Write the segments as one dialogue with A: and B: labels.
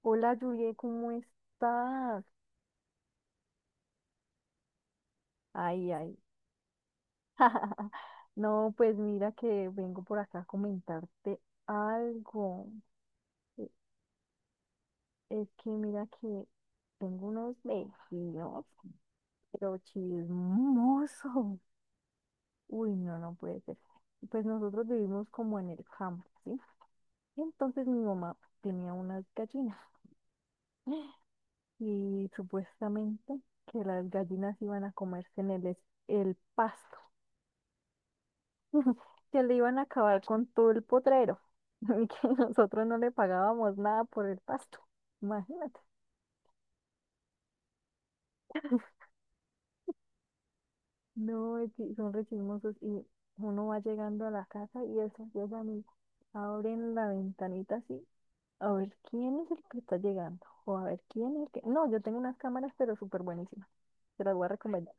A: Hola, Julie, ¿cómo estás? Ay, ay. No, pues mira que vengo por acá a comentarte algo. E- Es que mira que tengo unos vecinos, pero chismosos. Uy, no, no puede ser. Pues nosotros vivimos como en el campo, ¿sí? Entonces mi mamá tenía unas gallinas y supuestamente que las gallinas iban a comerse en el, el pasto. Que le iban a acabar con todo el potrero y que nosotros no le pagábamos nada por el pasto. Imagínate. No, es que son re chismosos y uno va llegando a la casa y eso llegan y abren la ventanita así a ver quién es el que está llegando o a ver quién es el que... No, yo tengo unas cámaras pero súper buenísimas. Te las voy a recomendar.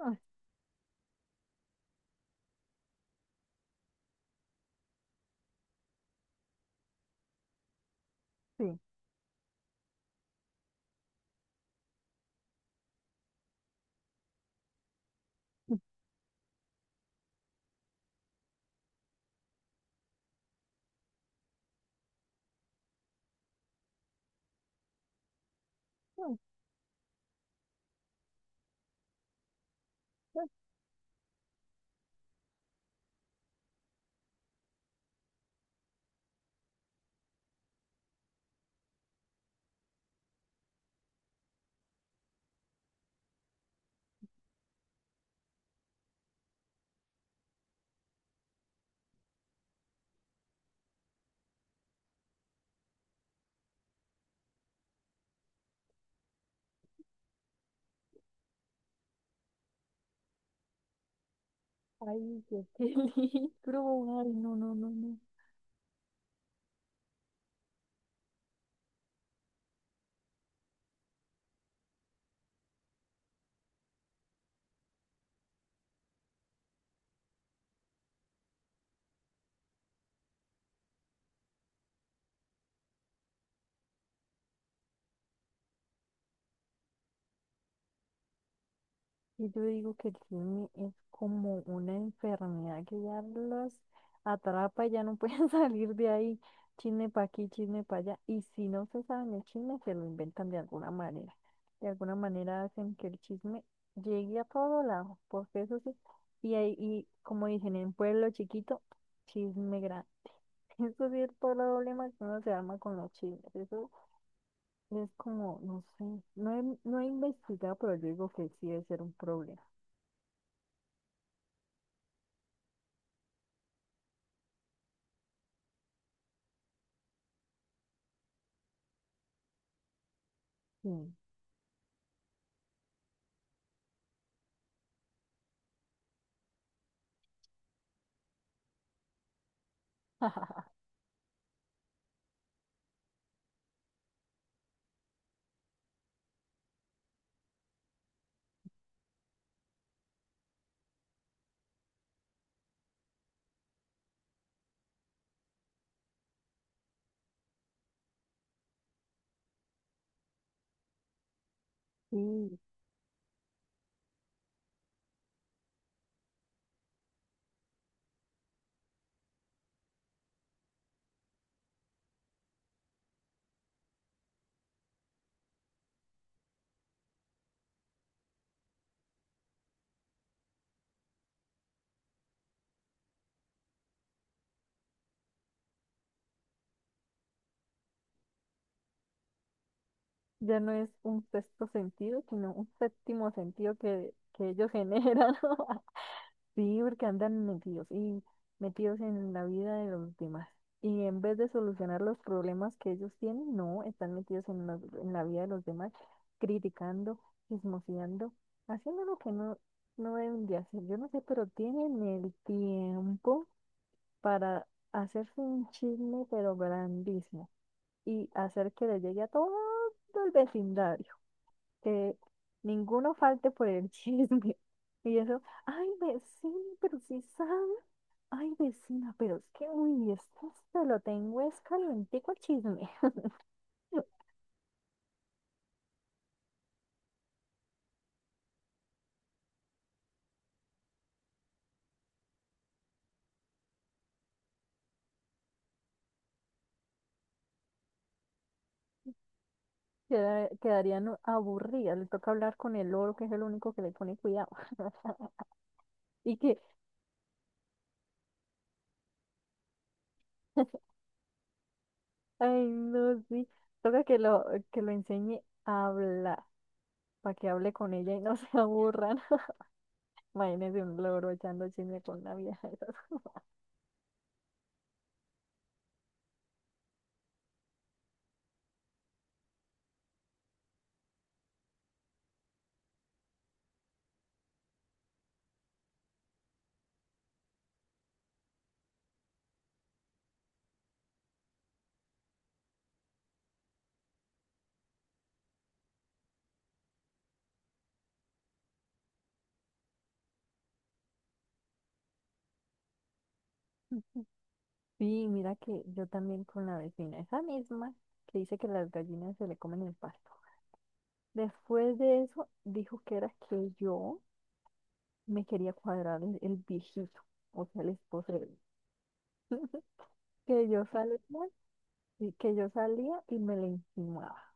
A: Ay, sí. Ay, ay, qué peligro. Ay, no, no, no, no. Y yo digo que el chisme es como una enfermedad que ya los atrapa y ya no pueden salir de ahí. Chisme para aquí, chisme para allá. Y si no se saben el chisme, se lo inventan de alguna manera. De alguna manera hacen que el chisme llegue a todo lado, porque eso sí. Y ahí, y como dicen, en pueblo chiquito, chisme grande. Eso sí es todo el problema que uno se arma con los chismes. Eso es como, no sé, no he investigado, pero yo digo que sí debe ser un problema. Sí. Sí, ya no es un sexto sentido, sino un séptimo sentido que ellos generan. Sí, porque andan metidos y metidos en la vida de los demás. Y en vez de solucionar los problemas que ellos tienen, no, están metidos en, en la vida de los demás, criticando, chismoseando, haciendo lo que no, no deben de hacer. Yo no sé, pero tienen el tiempo para hacerse un chisme, pero grandísimo. Y hacer que le llegue a todo el vecindario, que ninguno falte por el chisme. Y eso, ay, vecino, pero si sabe, ay, vecina, pero es que, uy, esto se lo tengo es calientico, el chisme. Quedarían aburridas, le toca hablar con el loro, que es el único que le pone cuidado. Y que, ay, no, sí, toca que lo, enseñe a hablar, para que hable con ella y no se aburran. Imagínense un loro echando chisme con una vieja de esas. Sí, mira que yo también con la vecina, esa misma que dice que las gallinas se le comen el pasto. Después de eso, dijo que era que yo me quería cuadrar el viejito, o sea, el esposo de él. Que yo salía, y que yo salía y me le insinuaba.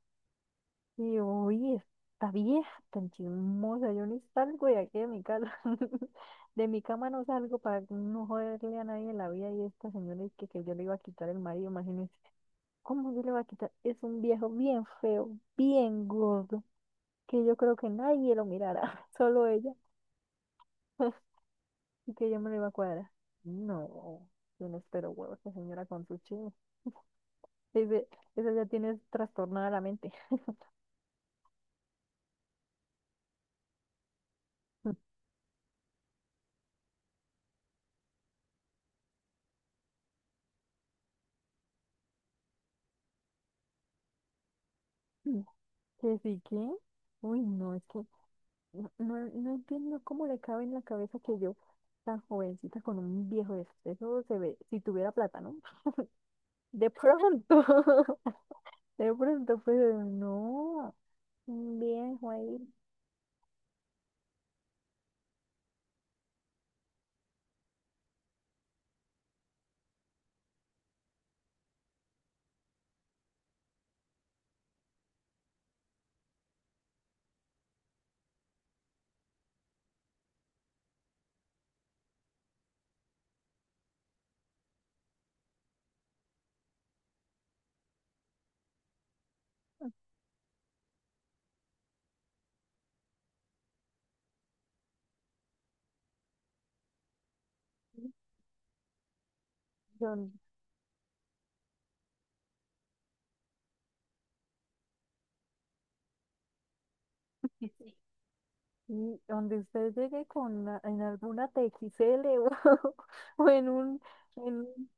A: Y yo, oye, esta vieja tan chismosa, yo ni salgo de aquí de mi casa. De mi cama no salgo para no joderle a nadie la vida, y esta señora es que yo le iba a quitar el marido, imagínense. ¿Cómo se le va a quitar? Es un viejo bien feo, bien gordo, que yo creo que nadie lo mirará, solo ella, y que ella me lo iba a cuadrar. No, yo no espero huevos, esa señora con su chino. Dice, esa ya tiene trastornada la mente. Que sí, que, uy, no, es que no entiendo cómo le cabe en la cabeza que yo, tan jovencita, con un viejo de estos, eso se ve, si tuviera plata, ¿no? De pronto, de pronto, pero no, un viejo ahí. Don- y y donde usted llegue con en alguna TXL o, o en un, en un-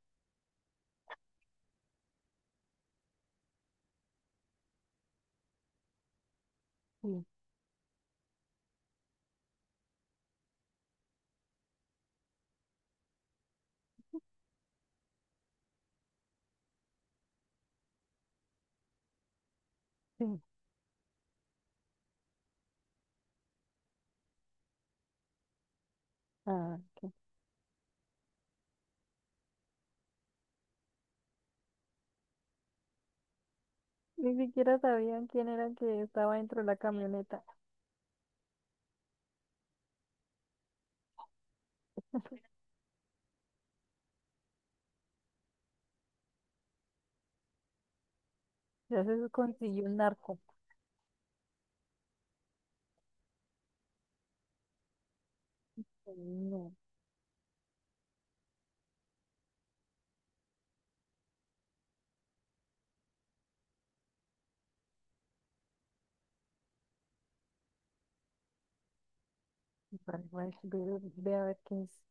A: sí, sí, ah, ok. Ni siquiera sabían quién era el que estaba dentro de la camioneta. Ya se consiguió un narco. No, ve, ve a ver qué es.